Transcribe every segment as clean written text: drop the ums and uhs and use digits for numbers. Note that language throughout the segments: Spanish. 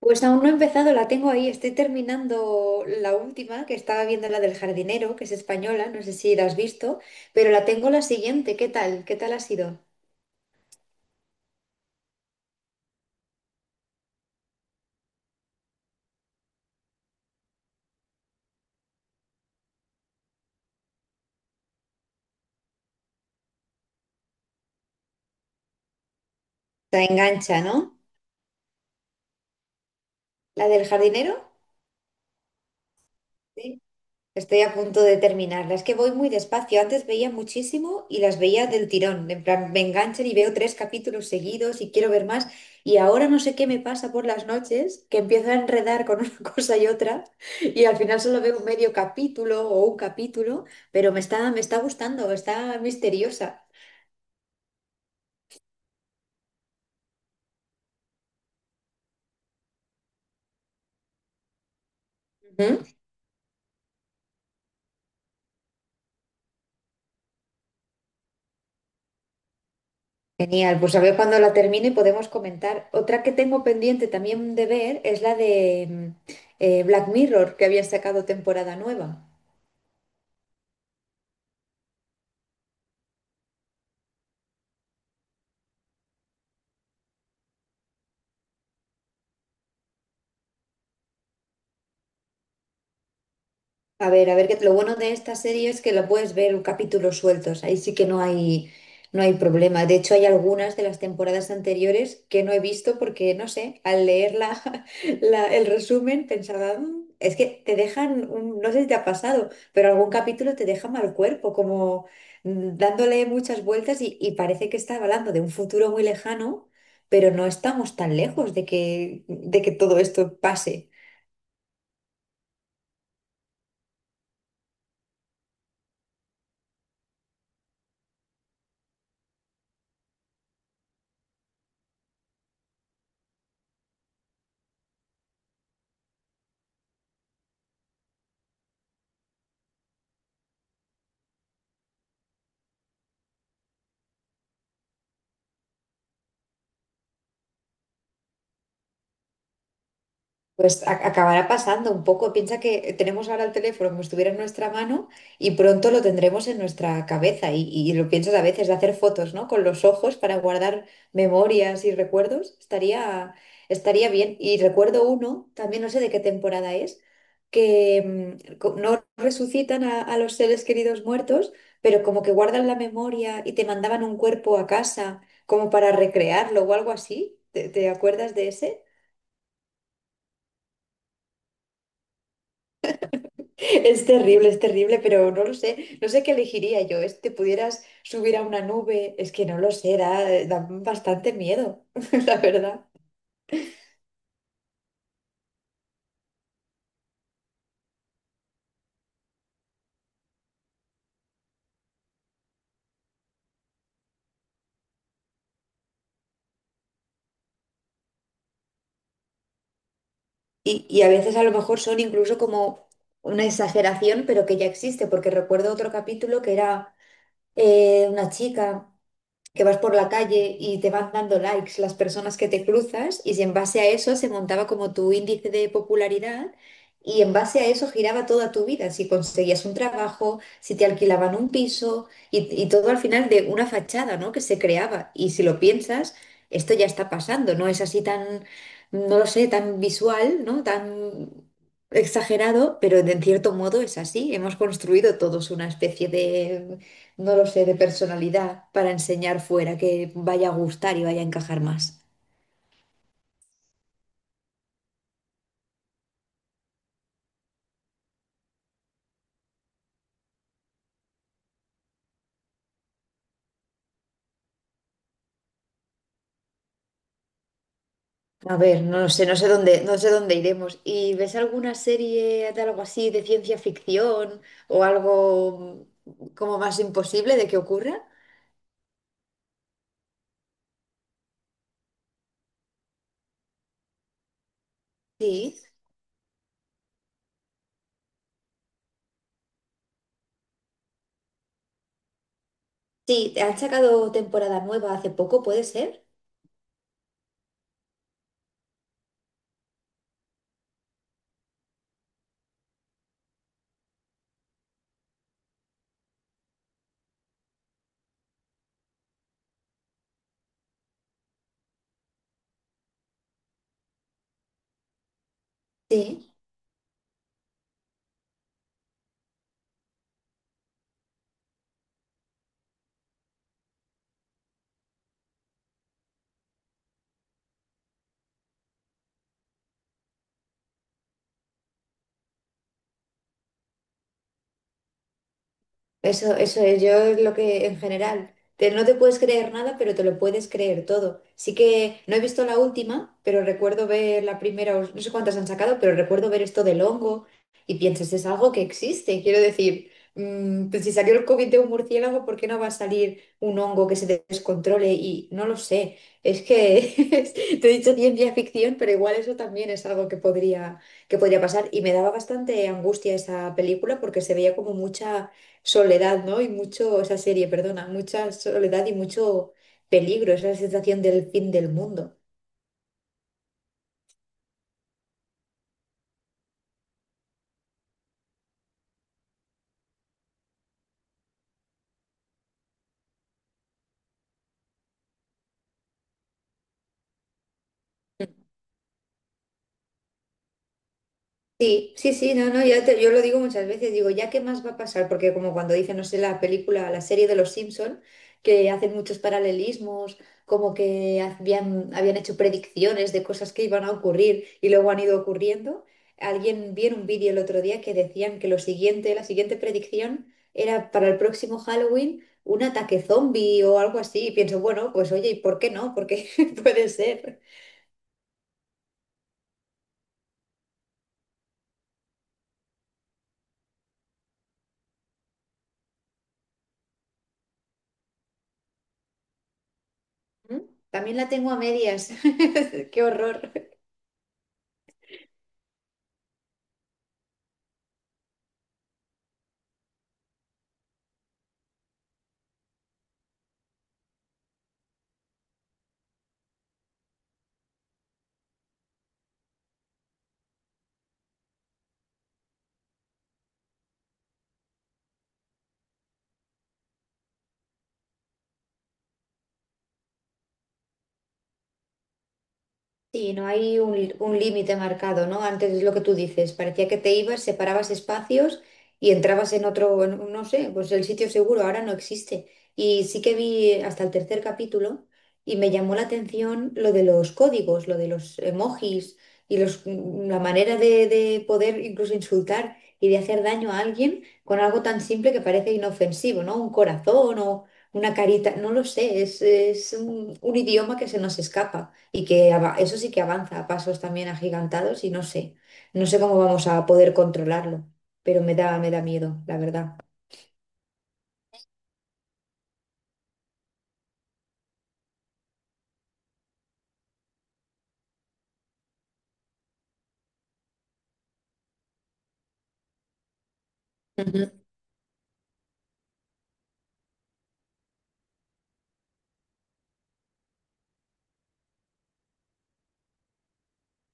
Pues aún no he empezado, la tengo ahí. Estoy terminando la última, que estaba viendo la del jardinero, que es española, no sé si la has visto, pero la tengo la siguiente. ¿Qué tal? ¿Qué tal ha sido? La engancha, ¿no? ¿La del jardinero? Sí. Estoy a punto de terminarla. Es que voy muy despacio. Antes veía muchísimo y las veía del tirón. En plan, me enganchan y veo tres capítulos seguidos y quiero ver más. Y ahora no sé qué me pasa por las noches, que empiezo a enredar con una cosa y otra y al final solo veo medio capítulo o un capítulo, pero me está gustando, está misteriosa. Ujú. Genial, pues a ver cuando la termine podemos comentar. Otra que tengo pendiente también de ver es la de Black Mirror, que había sacado temporada nueva. A ver, que lo bueno de esta serie es que la puedes ver en capítulos sueltos, ahí sí que no hay problema. De hecho, hay algunas de las temporadas anteriores que no he visto porque, no sé, el resumen pensaba, "Mm", es que te dejan, no sé si te ha pasado, pero algún capítulo te deja mal cuerpo, como dándole muchas vueltas y parece que está hablando de un futuro muy lejano, pero no estamos tan lejos de que todo esto pase. Pues acabará pasando un poco. Piensa que tenemos ahora el teléfono como si estuviera en nuestra mano y pronto lo tendremos en nuestra cabeza. Y lo piensas a veces de hacer fotos, ¿no? Con los ojos para guardar memorias y recuerdos. Estaría bien. Y recuerdo uno, también no sé de qué temporada es, que no resucitan a los seres queridos muertos, pero como que guardan la memoria y te mandaban un cuerpo a casa como para recrearlo o algo así. Te acuerdas de ese? Es terrible, pero no lo sé. No sé qué elegiría yo. Es que pudieras subir a una nube. Es que no lo sé, da bastante miedo, la verdad. Y a veces a lo mejor son incluso como una exageración, pero que ya existe, porque recuerdo otro capítulo que era una chica. Que vas por la calle y te van dando likes las personas que te cruzas y si en base a eso se montaba como tu índice de popularidad y en base a eso giraba toda tu vida, si conseguías un trabajo, si te alquilaban un piso y todo al final de una fachada, ¿no? Que se creaba. Y si lo piensas, esto ya está pasando, no es así tan, no lo sé, tan visual, ¿no? Tan exagerado, pero en cierto modo es así. Hemos construido todos una especie, no lo sé, de personalidad para enseñar fuera, que vaya a gustar y vaya a encajar más. A ver, no lo sé, no sé dónde iremos. ¿Y ves alguna serie de algo así de ciencia ficción o algo como más imposible de que ocurra? Sí. Sí, han sacado temporada nueva hace poco, ¿puede ser? Sí. Eso es, yo es lo que en general, no te puedes creer nada, pero te lo puedes creer todo. Sí que no he visto la última, pero recuerdo ver la primera, o no sé cuántas han sacado, pero recuerdo ver esto del hongo y piensas, es algo que existe. Quiero decir, pues si salió el COVID de un murciélago, ¿por qué no va a salir un hongo que se descontrole? Y no lo sé, es que te he dicho ciencia ficción, pero igual eso también es algo que podría pasar. Y me daba bastante angustia esa película porque se veía como mucha soledad, ¿no? Y mucho, esa serie, perdona, mucha soledad y mucho peligro, esa sensación del fin del mundo. Sí, sí, sí, no, no, ya yo lo digo muchas veces, digo, ¿ya qué más va a pasar? Porque como cuando dicen, no sé, la película, la serie de los Simpson, que hacen muchos paralelismos, como que habían hecho predicciones de cosas que iban a ocurrir y luego han ido ocurriendo. Alguien vi en un vídeo el otro día que decían que la siguiente predicción era para el próximo Halloween un ataque zombie o algo así. Y pienso, bueno, pues oye, ¿y por qué no? Porque puede ser. ¿Mm? También la tengo a medias. Qué horror. Sí, no hay un límite marcado, ¿no? Antes es lo que tú dices, parecía que te ibas, separabas espacios y entrabas en otro, no sé, pues el sitio seguro ahora no existe. Y sí que vi hasta el tercer capítulo y me llamó la atención lo de los códigos, lo de los emojis y la manera de poder incluso insultar y de hacer daño a alguien con algo tan simple que parece inofensivo, ¿no? Un corazón o una carita, no lo sé, es un idioma que se nos escapa y que eso sí que avanza a pasos también agigantados y no sé, no sé cómo vamos a poder controlarlo, pero me da miedo, la verdad.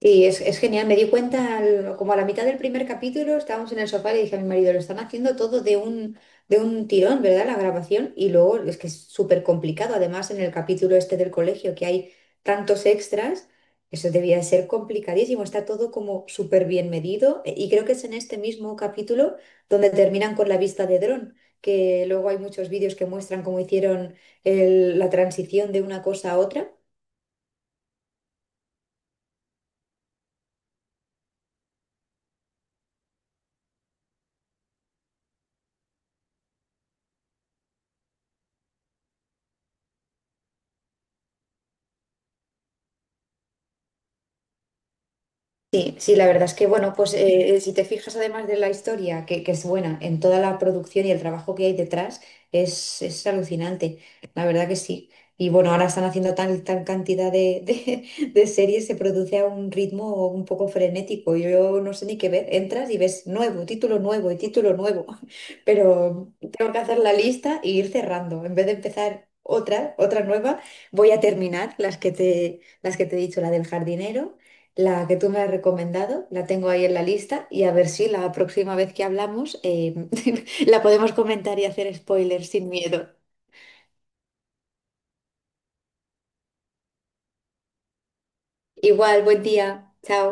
Sí, es genial, me di cuenta como a la mitad del primer capítulo, estábamos en el sofá y le dije a mi marido, lo están haciendo todo de un tirón, ¿verdad? La grabación. Y luego es que es súper complicado, además en el capítulo este del colegio que hay tantos extras, eso debía de ser complicadísimo, está todo como súper bien medido. Y creo que es en este mismo capítulo donde terminan con la vista de dron, que luego hay muchos vídeos que muestran cómo hicieron la transición de una cosa a otra. Sí, sí, la verdad es que, bueno, pues si te fijas además de la historia, que es buena, en toda la producción y el trabajo que hay detrás, es alucinante, la verdad que sí. Y bueno, ahora están haciendo tal cantidad de series, se produce a un ritmo un poco frenético, yo no sé ni qué ver, entras y ves nuevo, título nuevo y título nuevo, pero tengo que hacer la lista e ir cerrando, en vez de empezar otra nueva, voy a terminar las que te he dicho, la del jardinero. La que tú me has recomendado, la tengo ahí en la lista y a ver si la próxima vez que hablamos la podemos comentar y hacer spoilers sin miedo. Igual, buen día. Chao.